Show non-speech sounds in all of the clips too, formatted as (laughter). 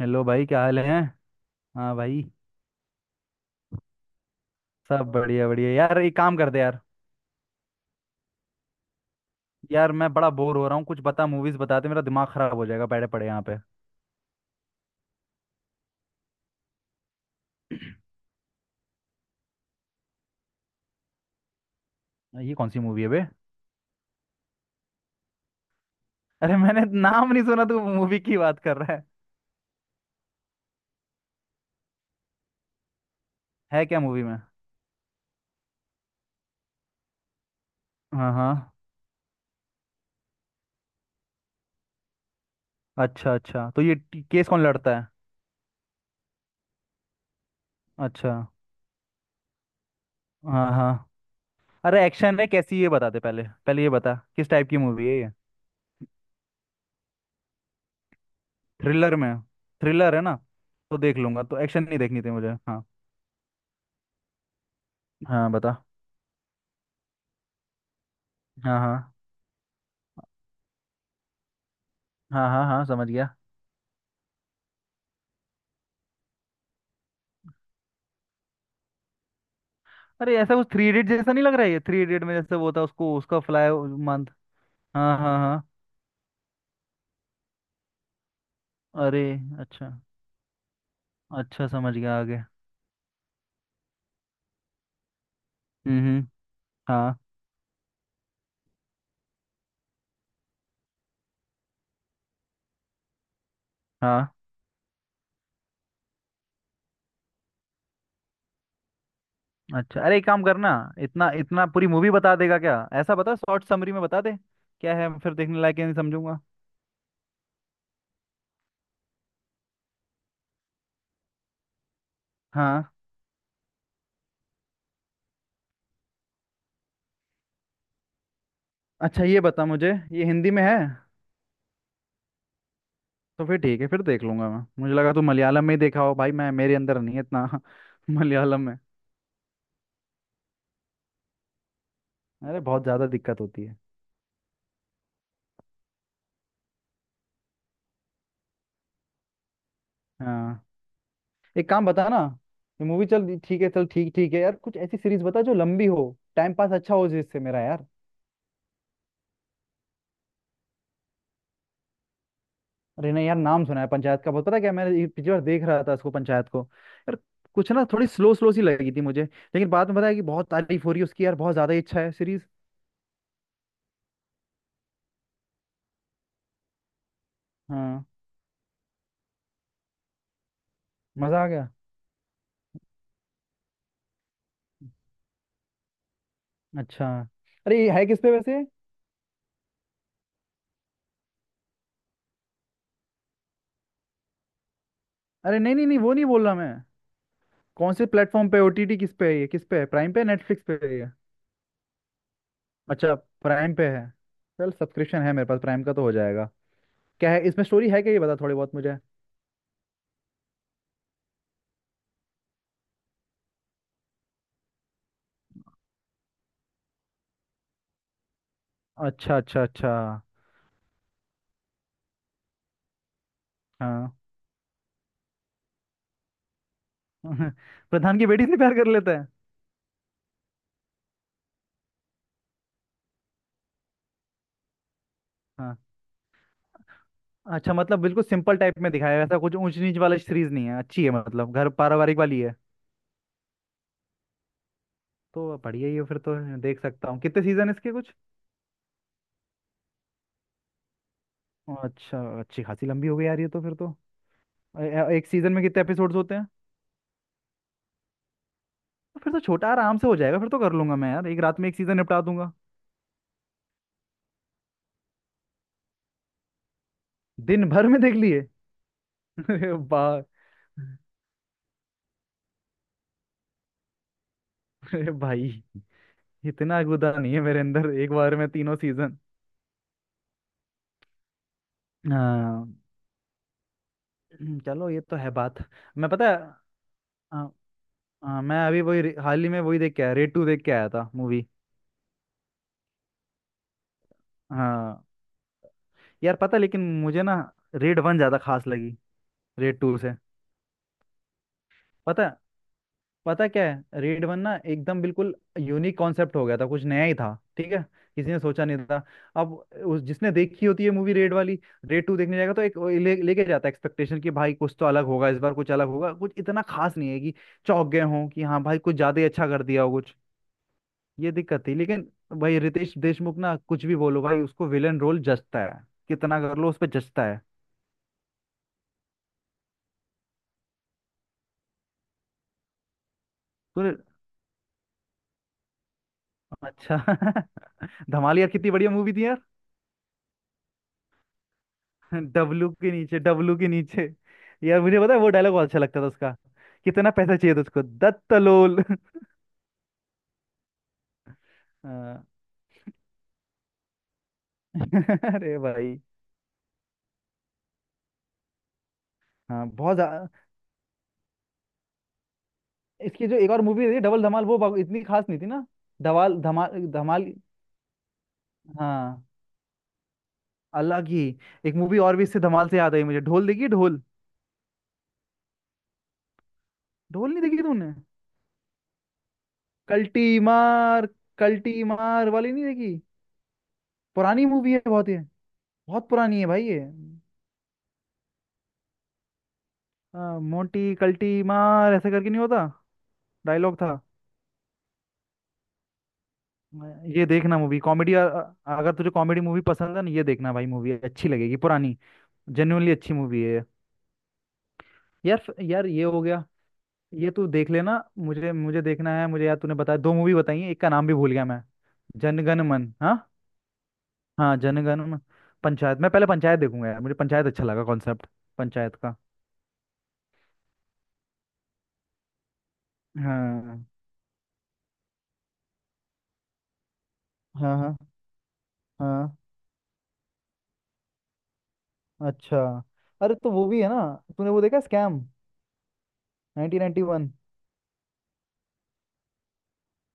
Hello भाई, क्या हाल है। हाँ भाई। सब बढ़िया बढ़िया यार, एक काम कर दे यार। यार मैं बड़ा बोर हो रहा हूँ, कुछ बता मूवीज बताते, मेरा दिमाग खराब हो जाएगा बैठे पड़े यहाँ पे। ये कौन सी मूवी है बे। अरे मैंने नाम नहीं सुना, तू मूवी की बात कर रहा है। है क्या मूवी में। हाँ हाँ। अच्छा अच्छा, तो ये केस कौन लड़ता है। अच्छा। हाँ हाँ। अरे एक्शन है कैसी ये बता दे, पहले पहले ये बता किस टाइप की मूवी है ये। थ्रिलर में। थ्रिलर है ना। तो देख लूंगा। तो एक्शन नहीं देखनी थी मुझे। हाँ। हाँ बता। हाँ हाँ हाँ। हाँ हाँ समझ गया। अरे ऐसा कुछ थ्री इडियट जैसा नहीं लग रहा है ये। थ्री इडियट में जैसे वो था उसको उसका फ्लाई मंथ। हाँ हाँ हाँ। अरे। अच्छा। अच्छा समझ गया, आगे। हम्म। हाँ हाँ। अच्छा, अरे एक काम करना। इतना इतना पूरी मूवी बता देगा क्या, ऐसा बता शॉर्ट समरी में बता दे। क्या है फिर देखने लायक है नहीं, समझूंगा। हाँ। अच्छा, ये बता मुझे, ये हिंदी में है। तो फिर ठीक है, फिर देख लूंगा मैं। मुझे लगा तू मलयालम में ही देखा हो, भाई मैं मेरे अंदर नहीं है इतना। (laughs) मलयालम में। अरे बहुत ज़्यादा दिक्कत होती है। हाँ, एक काम बता ना। ये मूवी चल ठीक है, चल ठीक ठीक है यार। कुछ ऐसी सीरीज बता जो लंबी हो। टाइम पास अच्छा हो जिससे मेरा यार। अरे नहीं यार, नाम सुना है पंचायत का बहुत, पता है क्या मैंने, ये पिछली बार देख रहा था इसको पंचायत को। यार कुछ ना, थोड़ी स्लो स्लो सी लगी थी मुझे, लेकिन बाद में पता है कि बहुत तारीफ हो रही है उसकी यार, बहुत ज्यादा ही अच्छा है सीरीज। हाँ, मजा आ गया। अच्छा, अरे ये है किस पे वैसे। अरे नहीं नहीं नहीं, वो नहीं बोल रहा मैं। कौन से प्लेटफॉर्म पे, ओटीटी किस पे है, ये किस पे है, प्राइम पे नेटफ्लिक्स पे है ये। अच्छा, प्राइम पे है। चल, सब्सक्रिप्शन है मेरे पास प्राइम का तो हो जाएगा। क्या है इसमें स्टोरी है क्या, ये बता थोड़ी बहुत मुझे। अच्छा अच्छा अच्छा। हाँ (laughs) प्रधान की बेटी से प्यार कर लेता है। हाँ अच्छा, मतलब बिल्कुल सिंपल टाइप में दिखाया है, ऐसा कुछ ऊंच नीच वाला सीरीज नहीं है, अच्छी है मतलब घर पारिवारिक वाली है। तो बढ़िया ही है फिर तो। देख सकता हूँ, कितने सीजन इसके कुछ। अच्छा, अच्छी खासी लंबी हो गई यार ये तो फिर तो। एक सीजन में कितने एपिसोड्स होते हैं। तो फिर तो छोटा आराम से हो जाएगा, फिर तो कर लूंगा मैं यार, एक रात में एक सीजन निपटा दूंगा। दिन भर में देख लिए। (laughs) अरे बा अरे भाई। इतना गुदा नहीं है मेरे अंदर एक बार में तीनों सीजन। हाँ, चलो ये तो है बात। मैं, पता है। हाँ, हाँ, मैं अभी हाल ही में वही देख के आया, रेड टू देख के आया था मूवी। हाँ। यार पता है, लेकिन मुझे ना रेड वन ज्यादा खास लगी रेड टू से। पता है। पता है क्या है, रेड वन ना एकदम बिल्कुल यूनिक कॉन्सेप्ट हो गया था, कुछ नया ही था ठीक है। किसी ने सोचा नहीं था। अब उस जिसने देखी होती है मूवी रेड वाली, रेड टू देखने जाएगा तो एक वो लेके जाता है एक्सपेक्टेशन कि भाई कुछ तो अलग होगा इस बार, कुछ अलग होगा, कुछ इतना खास नहीं है कि चौंक गए हों कि हाँ भाई कुछ ज्यादा ही अच्छा कर दिया हो। ये दिक्कत थी लेकिन, भाई रितेश देशमुख ना, कुछ भी बोलो भाई उसको विलन रोल जचता है। कितना कर लो उस पे जचता है। तो अच्छा (laughs) धमालिया कितनी बढ़िया मूवी थी यार। (laughs) डब्लू के नीचे, डब्लू के नीचे। यार मुझे पता है, वो डायलॉग बहुत अच्छा लगता था उसका। कितना पैसा चाहिए था उसको दत्तलोल। हाँ। (laughs) अरे भाई। हाँ बहुत ज्यादा। इसकी जो एक और मूवी थी डबल धमाल वो इतनी खास नहीं थी ना। धमाल धमाल धमाल। हाँ, अलग ही। एक मूवी और भी इससे धमाल से याद आई मुझे, ढोल देखिए ढोल। ढोल नहीं देखी तूने। कल्टी मार। कल्टी मार वाली नहीं देखी। पुरानी मूवी है बहुत ये। बहुत पुरानी है भाई ये। आ, मोटी कल्टी मार, ऐसे करके नहीं होता। डायलॉग था। आ, ये देखना मूवी कॉमेडी, अगर तुझे कॉमेडी मूवी पसंद है ना ये देखना भाई, मूवी अच्छी लगेगी पुरानी। जेन्युइनली अच्छी मूवी है ये। यार यार ये हो गया। ये तू देख लेना, मुझे मुझे देखना है मुझे यार, तूने बताया दो मूवी बताई है, एक का नाम भी भूल गया मैं। जनगण मन। हाँ। हाँ जनगण। पंचायत, मैं पहले पंचायत देखूंगा यार, मुझे पंचायत अच्छा लगा कॉन्सेप्ट पंचायत का। हाँ हाँ हाँ हाँ। अच्छा, अरे तो वो भी है ना। तूने वो देखा स्कैम 1991।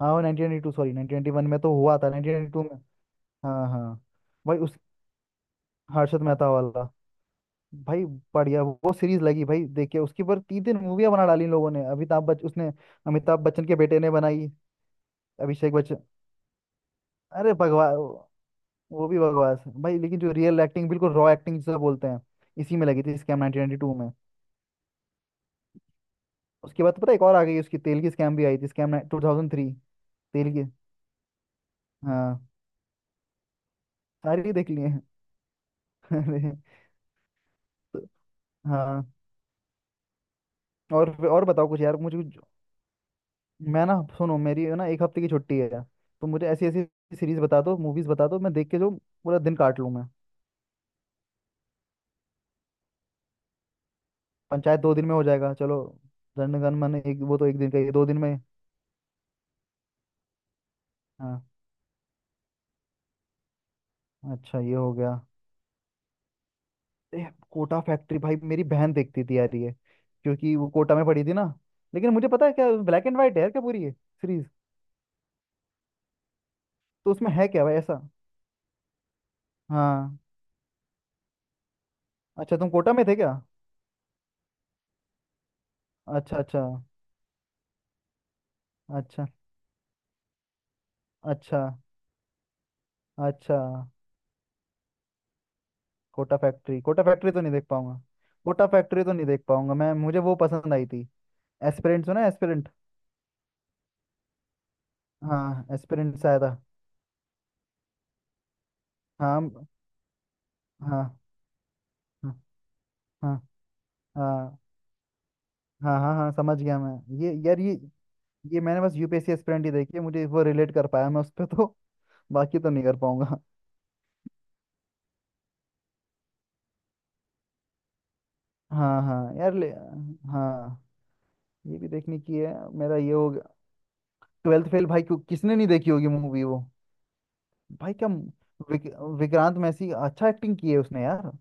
हाँ वो 1992 सॉरी 1991 में तो हुआ था, 1992 में। हाँ हाँ। भाई उस हर्षद मेहता वाला। भाई बढ़िया वो सीरीज लगी भाई, देखिए उसके ऊपर तीन तीन मूवियाँ बना डाली इन लोगों ने, अमिताभ बच्चन उसने। अमिताभ बच्चन के बेटे ने बनाई। अभिषेक बच्चन। अरे भगवान। वो भी बकवास है भाई, लेकिन जो रियल एक्टिंग बिल्कुल रॉ एक्टिंग जिसे बोलते हैं, इसी में लगी थी स्कैम 1992 में। उसके बाद तो पता है, एक और आ गई उसकी तेल की, स्कैम भी आई थी स्कैम 2003। तेल की। हाँ। सारी देख लिए हैं। (laughs) अरे। तो। हाँ। और बताओ कुछ यार मुझे। मैं ना सुनो, मेरी है ना एक हफ्ते की छुट्टी है यार। तो मुझे ऐसी ऐसी सीरीज बता दो मूवीज बता दो, मैं देख के जो पूरा दिन काट लूँ मैं। पंचायत 2 दिन में हो जाएगा चलो। जनगण मन एक वो तो एक दिन का ही है, 2 दिन में। हाँ, अच्छा ये हो गया। ए, कोटा फैक्ट्री भाई, मेरी बहन देखती थी यार ये। क्योंकि वो कोटा में पड़ी थी ना। लेकिन मुझे पता है क्या, ब्लैक एंड व्हाइट है यार क्या पूरी ये सीरीज। तो उसमें है क्या भाई ऐसा। हाँ, अच्छा तुम कोटा में थे क्या। अच्छा अच्छा अच्छा। अच्छा अच्छा। कोटा फैक्ट्री, कोटा फैक्ट्री तो नहीं देख पाऊंगा। कोटा फैक्ट्री तो नहीं देख पाऊंगा मैं, मुझे वो पसंद आई थी। एस्पिरेंट सुना है एस्पिरेंट। हाँ, एस्पिरेंट से आया था। हाँ हाँ हाँ हाँ। हाँ हाँ हाँ हाँ, समझ गया मैं। ये यार ये मैंने बस यूपीएससी एस्पिरेंट ही देखी है, मुझे वो रिलेट कर पाया मैं उस पर तो। बाकी तो नहीं कर पाऊंगा। हाँ हाँ यार ले। हाँ, ये भी देखने की है, मेरा ये हो गया। ट्वेल्थ फेल भाई, क्यों किसने नहीं देखी होगी मूवी वो। भाई क्या, विक, विक्रांत मैसी अच्छा एक्टिंग की है उसने यार।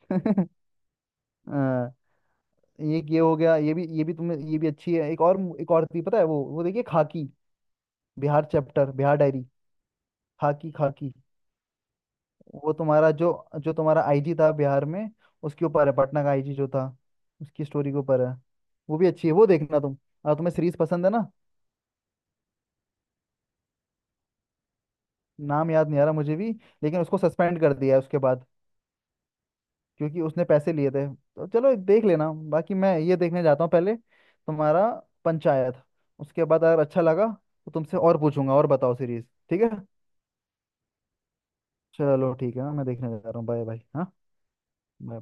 (laughs) हाँ, ये हो गया, ये भी तुम्हें ये भी अच्छी है। एक और थी, पता है वो देखिए खाकी बिहार चैप्टर, बिहार डायरी। खाकी, खाकी। वो तुम्हारा जो, जो तुम्हारा आईजी था बिहार में, उसके ऊपर है। पटना का आईजी जो था, उसकी स्टोरी के ऊपर है। वो भी अच्छी है वो, देखना तुम। और तुम्हें सीरीज पसंद है ना। नाम याद नहीं आ रहा मुझे भी, लेकिन उसको सस्पेंड कर दिया है उसके बाद, क्योंकि उसने पैसे लिए थे। तो चलो देख लेना बाकी, मैं ये देखने जाता हूँ पहले तुम्हारा पंचायत। उसके बाद अगर अच्छा लगा, तो तुमसे और पूछूंगा और बताओ सीरीज। ठीक है। चलो ठीक है, मैं देखने जा रहा हूँ। Bye bye. हाँ। बाय।